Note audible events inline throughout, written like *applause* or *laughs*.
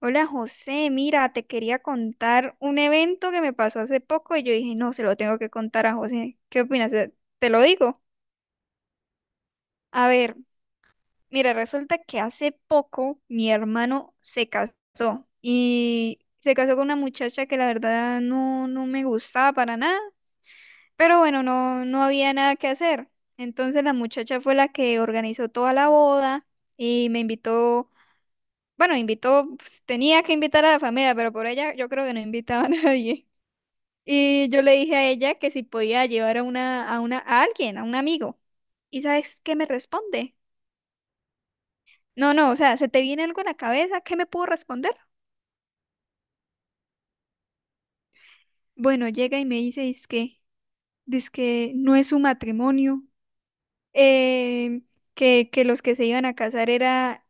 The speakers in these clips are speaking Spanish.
Hola José, mira, te quería contar un evento que me pasó hace poco y yo dije, no, se lo tengo que contar a José. ¿Qué opinas? Te lo digo. A ver, mira, resulta que hace poco mi hermano se casó y se casó con una muchacha que la verdad no me gustaba para nada, pero bueno, no había nada que hacer. Entonces la muchacha fue la que organizó toda la boda y me invitó, bueno, invitó, pues, tenía que invitar a la familia, pero por ella yo creo que no invitaba a *laughs* nadie. Y yo le dije a ella que si podía llevar a una, a alguien, a un amigo. ¿Y sabes qué me responde? No, no, o sea, ¿se te viene algo a la cabeza? ¿Qué me puedo responder? Bueno, llega y me dice, es que no es su matrimonio, eh, que los que se iban a casar era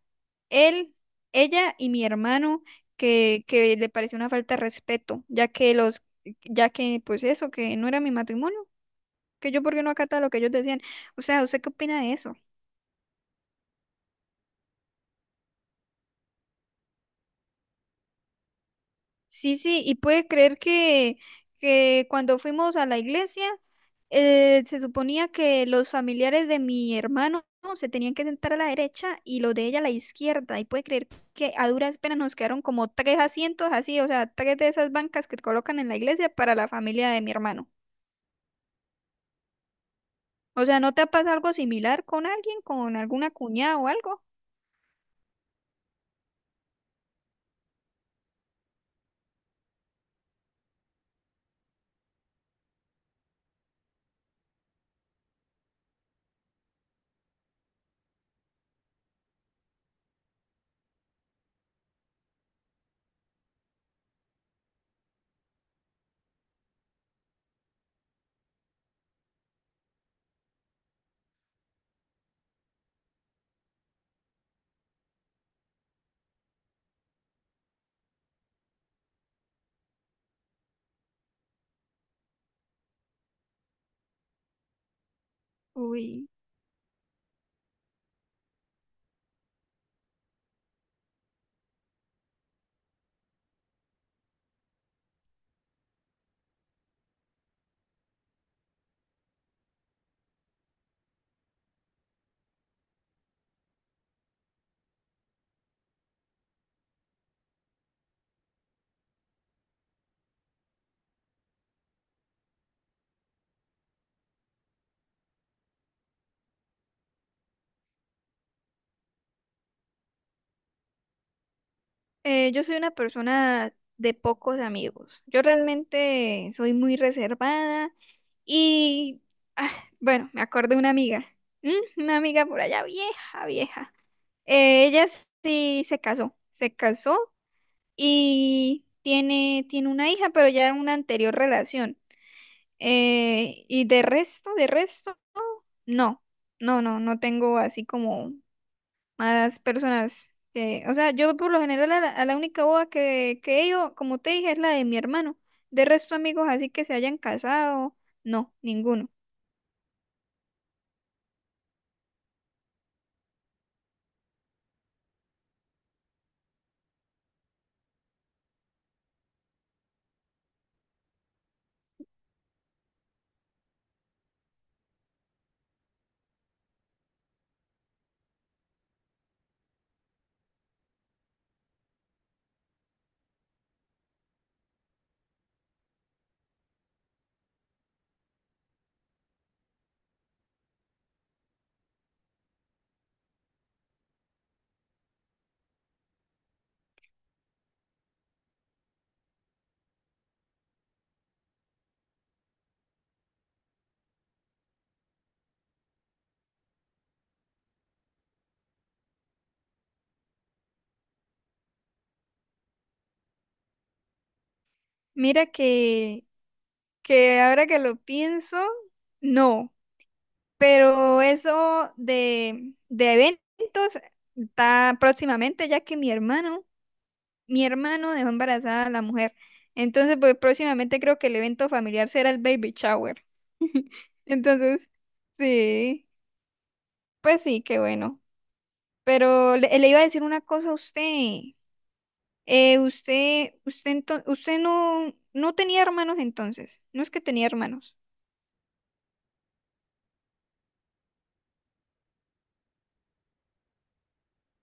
él, ella y mi hermano, que le pareció una falta de respeto, ya que ya que, pues eso, que no era mi matrimonio, que yo porque no acataba lo que ellos decían. O sea, ¿usted qué opina de eso? Sí, sí, y puede creer que cuando fuimos a la iglesia, se suponía que los familiares de mi hermano se tenían que sentar a la derecha y los de ella a la izquierda. Y puede creer que a duras penas nos quedaron como tres asientos así, o sea, tres de esas bancas que colocan en la iglesia para la familia de mi hermano. O sea, ¿no te ha pasado algo similar con alguien, con alguna cuñada o algo? Uy. Yo soy una persona de pocos amigos. Yo realmente soy muy reservada y, ah, bueno, me acordé de una amiga, ¿m? Una amiga por allá vieja, vieja. Ella sí se casó y tiene una hija, pero ya en una anterior relación. Y de resto, no, no tengo así como más personas. Que, o sea, yo por lo general a a la única boda que he ido, como te dije, es la de mi hermano. De resto, amigos así que se hayan casado, no, ninguno. Mira que ahora que lo pienso, no. Pero eso de eventos está próximamente, ya que mi hermano dejó embarazada a la mujer. Entonces, pues próximamente creo que el evento familiar será el baby shower. *laughs* Entonces, sí. Pues sí, qué bueno. Pero le iba a decir una cosa a usted. Usted no, no tenía hermanos entonces. No es que tenía hermanos,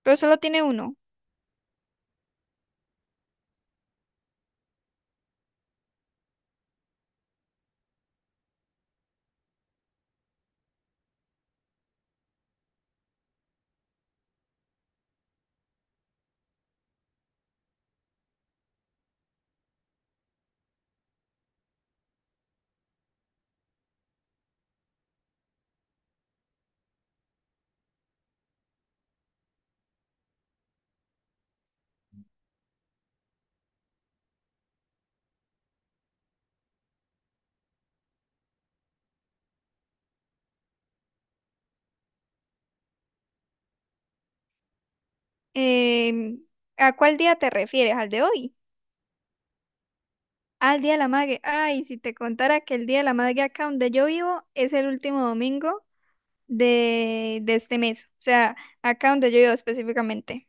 pero solo tiene uno. Em, ¿A cuál día te refieres? ¿Al de hoy? Al Día de la Madre. Ay, si te contara que el Día de la Madre acá donde yo vivo es el último domingo de este mes. O sea, acá donde yo vivo específicamente.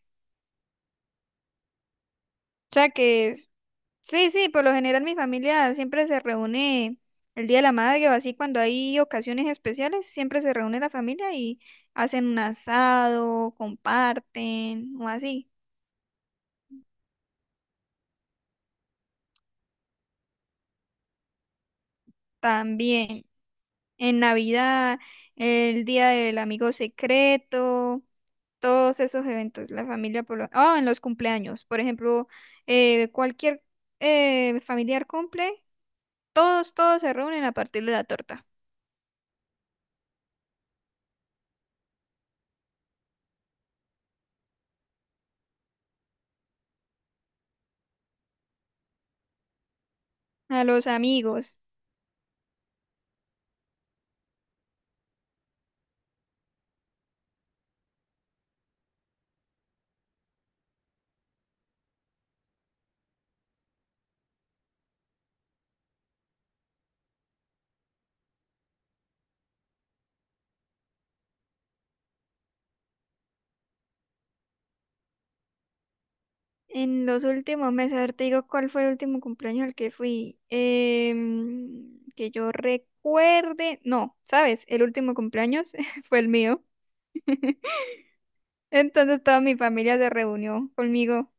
O sea que sí, sí, por lo general mi familia siempre se reúne el Día de la Madre o así cuando hay ocasiones especiales, siempre se reúne la familia y hacen un asado, comparten o así. También en Navidad, el Día del Amigo Secreto, todos esos eventos, la familia por lo... Oh, en los cumpleaños, por ejemplo, cualquier familiar cumple, todos se reúnen a partir de la torta, a los amigos. En los últimos meses, a ver, te digo cuál fue el último cumpleaños al que fui. Que yo recuerde, no, ¿sabes? El último cumpleaños *laughs* fue el mío. Entonces toda mi familia se reunió conmigo.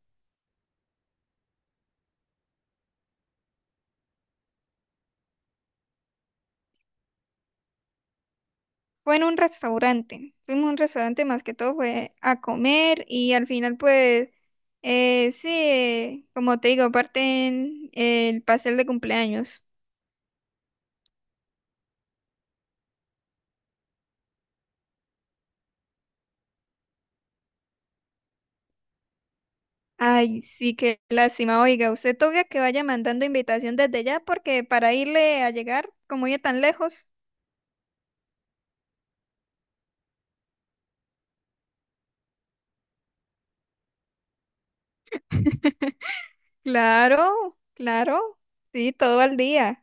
Fue en un restaurante. Fuimos a un restaurante más que todo, fue a comer y al final pues, sí, como te digo, parten el pastel de cumpleaños. Ay, sí, qué lástima. Oiga, usted toca que vaya mandando invitación desde ya porque para irle a llegar, como ya tan lejos. Claro, claro. Sí, todo al día.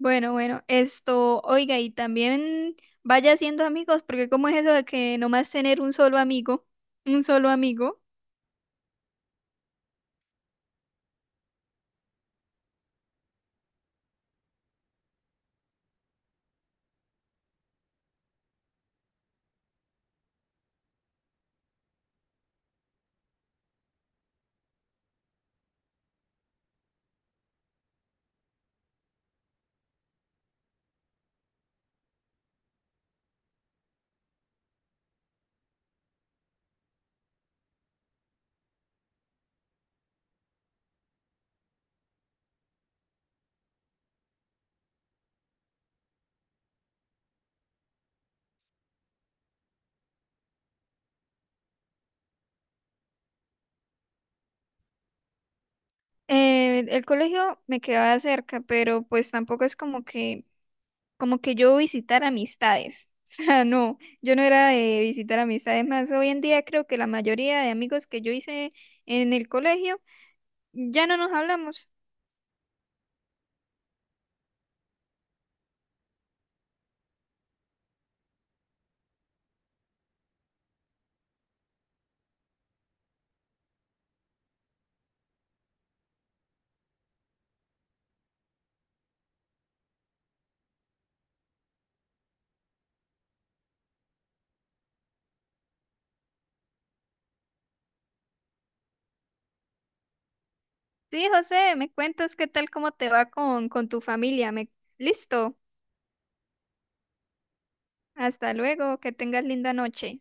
Bueno, bueno, esto, oiga, y también vaya haciendo amigos, porque cómo es eso de que nomás tener un solo amigo, un solo amigo. El colegio me quedaba cerca, pero pues tampoco es como que yo visitar amistades. *laughs* O sea, no, yo no era de visitar amistades más. Hoy en día creo que la mayoría de amigos que yo hice en el colegio ya no nos hablamos. Sí, José, me cuentas qué tal, cómo te va con tu familia. Me... Listo, hasta luego, que tengas linda noche.